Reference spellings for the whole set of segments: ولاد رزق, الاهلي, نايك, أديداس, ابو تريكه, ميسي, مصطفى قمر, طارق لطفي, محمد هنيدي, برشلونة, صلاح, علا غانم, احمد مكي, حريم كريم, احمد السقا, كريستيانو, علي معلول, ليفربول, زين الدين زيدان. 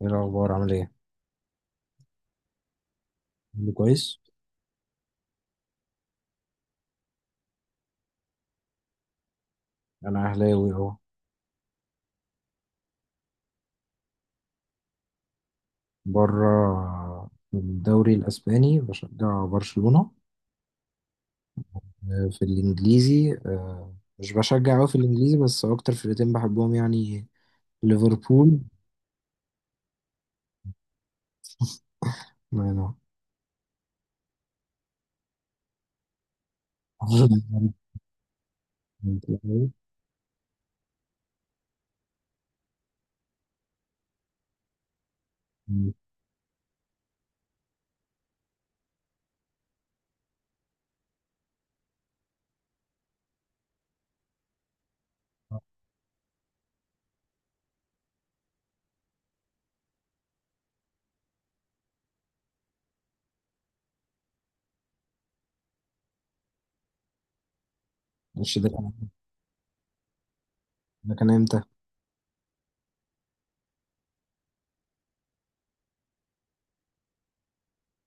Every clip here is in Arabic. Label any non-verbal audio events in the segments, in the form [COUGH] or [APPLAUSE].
ايه الاخبار؟ عامل ايه؟ كله كويس. انا اهلاوي اهو. بره في الدوري الاسباني بشجع برشلونة. في الانجليزي مش بشجع قوي في الانجليزي، بس اكتر فرقتين بحبهم يعني ليفربول. ما أنا- [LAUGHS] مش ده كان. ده كان امتى؟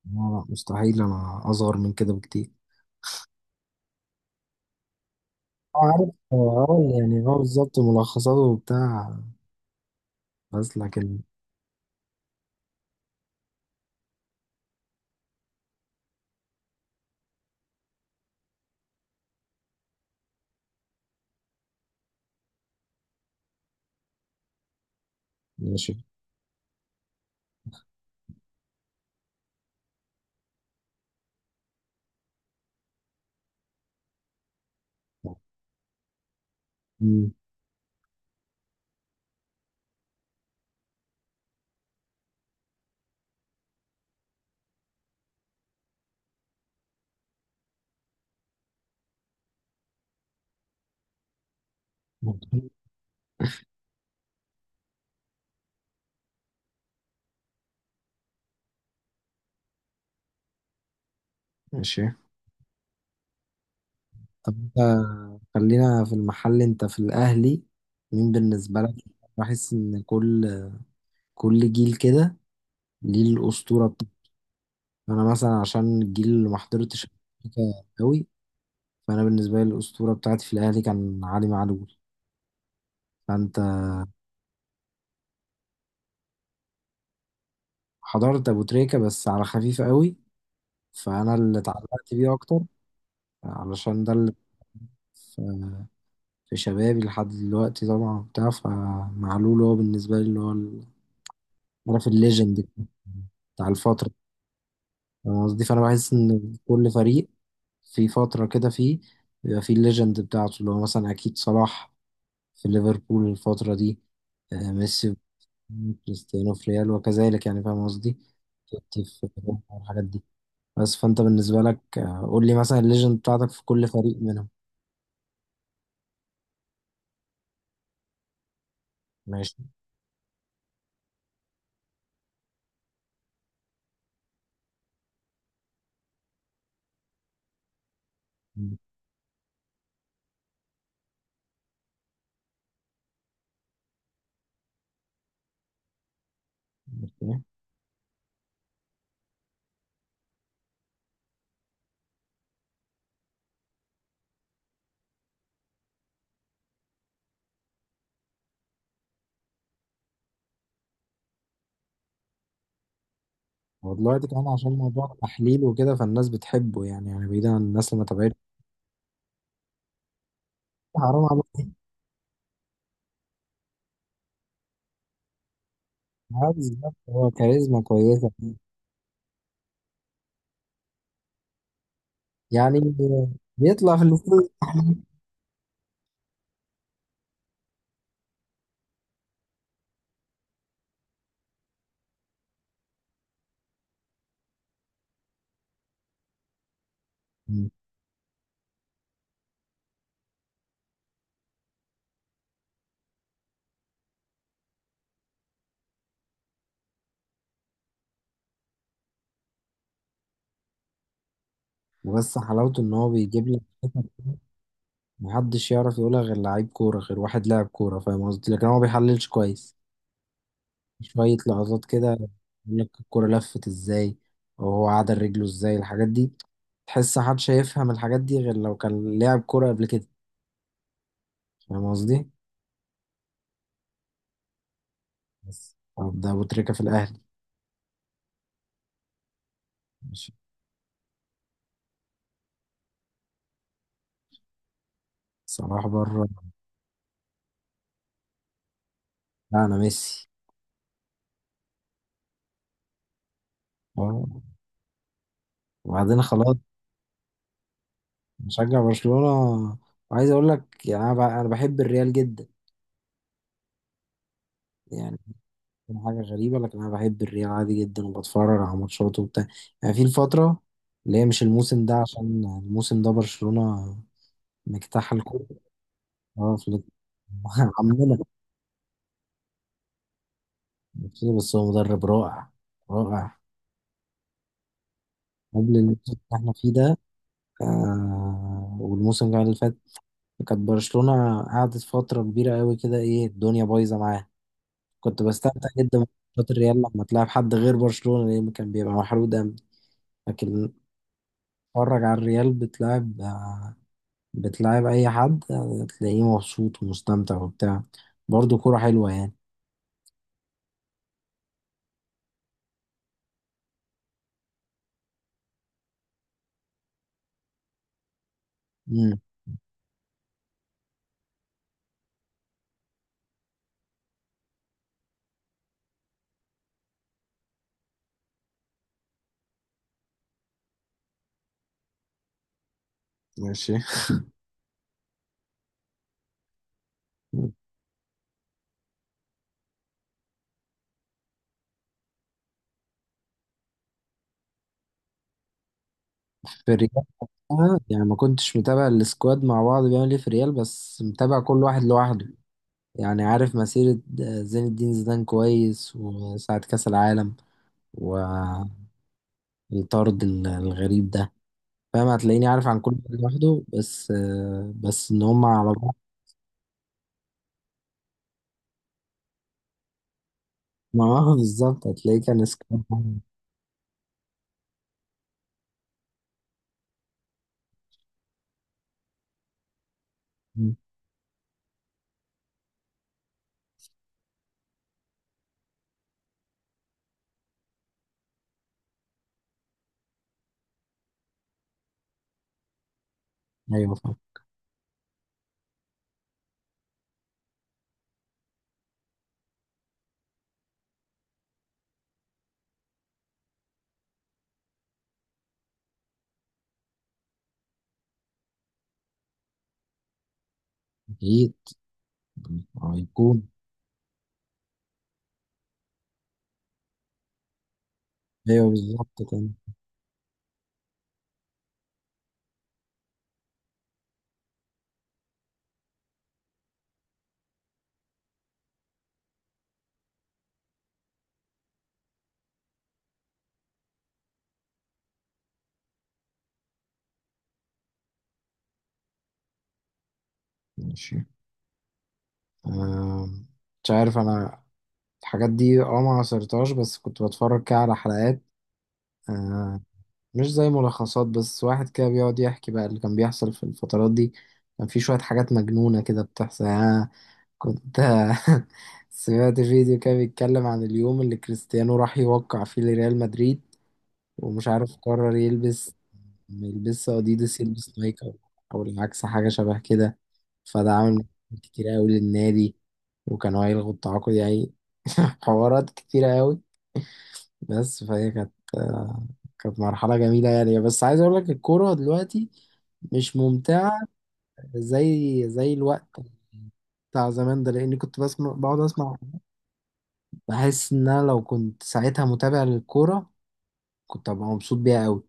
لا لا، مستحيل، انا اصغر من كده بكتير. اه عارف اه. يعني اه بالظبط، ملخصاته وبتاع. بس لكن ماشي. مم. ماشي. طب انت، خلينا في المحل، انت في الاهلي مين بالنسبه لك؟ بحس ان كل جيل كده ليه الاسطوره بتاعته. انا مثلا عشان الجيل اللي ما حضرتش أمريكا قوي، فانا بالنسبه لي الاسطوره بتاعتي في الاهلي كان علي معلول. فانت حضرت ابو تريكه بس على خفيف قوي، فانا اللي اتعلقت بيه اكتر علشان ده اللي في في شبابي لحد دلوقتي طبعا بتاع، فمعلول هو بالنسبه لي اللي هو عارف، الليجند بتاع الفتره. فاهم قصدي؟ فانا بحس ان كل فريق في فترة كده فيه، بيبقى فيه الليجند بتاعته اللي هو مثلا اكيد صلاح في ليفربول الفترة دي. ميسي، كريستيانو في ريال، وكذلك يعني، فاهم قصدي، توتي في برشلونة والحاجات دي. بس فانت بالنسبة لك، قول لي مثلا الليجند بتاعتك في كل فريق منهم. ماشي. أوكي. هو دلوقتي كمان عشان موضوع التحليل وكده، فالناس بتحبه يعني، يعني بعيدا عن الناس اللي ما تابعتش. حرام عليك. عادي، هو كاريزما كويسة يعني، بيطلع في الاستوديو أحلى. مم. بس حلاوته ان هو بيجيب لك محدش يعرف يقولها، غير لعيب كوره، غير واحد لاعب كوره، فاهم قصدي؟ لكن هو ما بيحللش كويس. شويه لقطات كده يقول لك الكوره لفت ازاي، وهو عدل رجله ازاي، الحاجات دي. تحس محدش هيفهم الحاجات دي غير لو كان لاعب كوره قبل كده. فاهم قصدي؟ بس طب ده ابو تريكه في الاهلي. ماشي، صلاح بره. لا، انا ميسي. آه. وبعدين خلاص. مشجع برشلونة، وعايز اقول لك يعني، انا بحب الريال جدا يعني. حاجة غريبة لكن انا بحب الريال عادي جدا، وبتفرج على ماتشاته وبتاع يعني، في الفترة اللي هي مش الموسم ده، عشان الموسم ده برشلونة مجتاح الكورة. اه فليك. [LAUGHS] عمنا. بس هو مدرب رائع، رائع قبل الموسم اللي احنا فيه ده. آه، والموسم اللي فات كانت برشلونة قعدت فترة كبيرة قوي كده، ايه الدنيا بايظة معاها. كنت بستمتع جدا بماتشات الريال لما تلعب حد غير برشلونة، لأن كان بيبقى محروق دم. لكن اتفرج على الريال بتلعب، بتلعب أي حد، تلاقيه مبسوط ومستمتع وبتاع. برضه كورة حلوة يعني. مم. ماشي. في الريال وقتها، يعني ما كنتش متابع السكواد مع بعض بيعمل ايه في الريال، بس متابع كل واحد لوحده يعني. عارف مسيرة زين الدين زيدان كويس، وساعة كأس العالم والطرد الغريب ده. فاهم، هتلاقيني عارف عن كل واحد لوحده، بس بس ان هم على بعض. [LAUGHS] ما هو بالظبط، هتلاقيه كان سكواد واحد. مم. ايوه فاهم. اكيد. هيكون. ايوه بالظبط كان. ماشي. آه، مش عارف انا الحاجات دي اه ما عصرتهاش، بس كنت بتفرج كده على حلقات. آه، مش زي ملخصات، بس واحد كده بيقعد يحكي بقى اللي كان بيحصل في الفترات دي. كان في شوية حاجات مجنونة كده بتحصل يعني. أنا كنت [LAUGHS] سمعت فيديو كده بيتكلم عن اليوم اللي كريستيانو راح يوقع فيه لريال مدريد، ومش عارف قرر يلبس ما يلبسش أديداس، يلبس نايك أو أو العكس، حاجة شبه كده. فده عامل مشاكل كتير أوي للنادي، وكانوا هيلغوا التعاقد يعني. [LAUGHS] حوارات كتيرة أوي. بس فهي كانت كانت مرحلة جميلة يعني. بس عايز أقول لك الكورة دلوقتي مش ممتعة زي الوقت بتاع زمان ده، لأني كنت بسمع، بقعد أسمع، بحس إن أنا لو كنت ساعتها متابع للكورة كنت أبقى مبسوط بيها أوي،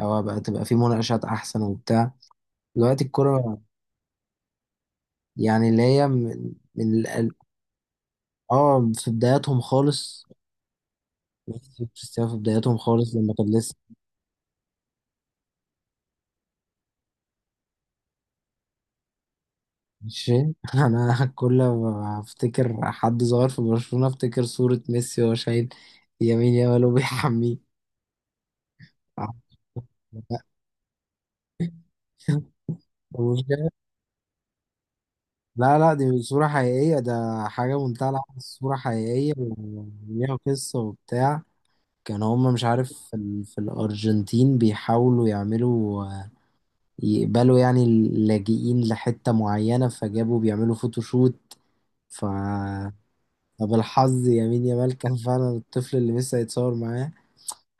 أو أبقى تبقى في مناقشات أحسن وبتاع. دلوقتي الكورة يعني اللي هي من آه في بداياتهم خالص. ميسي وكريستيانو في بداياتهم خالص لما كان لسه مش فاهم. [LAUGHS] انا كل ما افتكر حد صغير في برشلونة افتكر صورة ميسي وهو شايل يمين يامال وبيحميه. [LAUGHS] مش كده؟ لا لا، دي صورة حقيقية ده، حاجة منتهى العبث، صورة حقيقية وليها قصة وبتاع. كان هما مش عارف في الأرجنتين بيحاولوا يعملوا يقبلوا يعني اللاجئين لحتة معينة، فجابوا بيعملوا فوتوشوت ف طب الحظ يا مين يا مال كان فعلا الطفل اللي لسه هيتصور معاه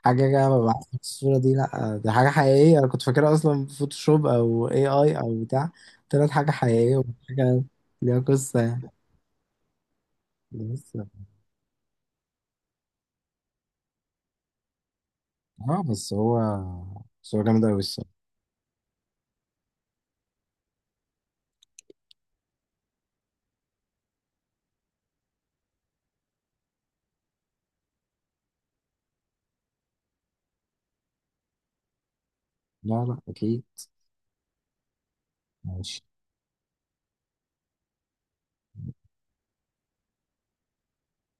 حاجة جاية. ببعت الصورة دي، لأ دي حاجة حقيقية. أنا كنت فاكرها أصلا فوتوشوب أو اي اي أو بتاع، طلعت حاجة حقيقية وحاجة ليها قصة يعني. بس اه بس هو جامد أوي الصراحة. لا لا، أكيد. ماشي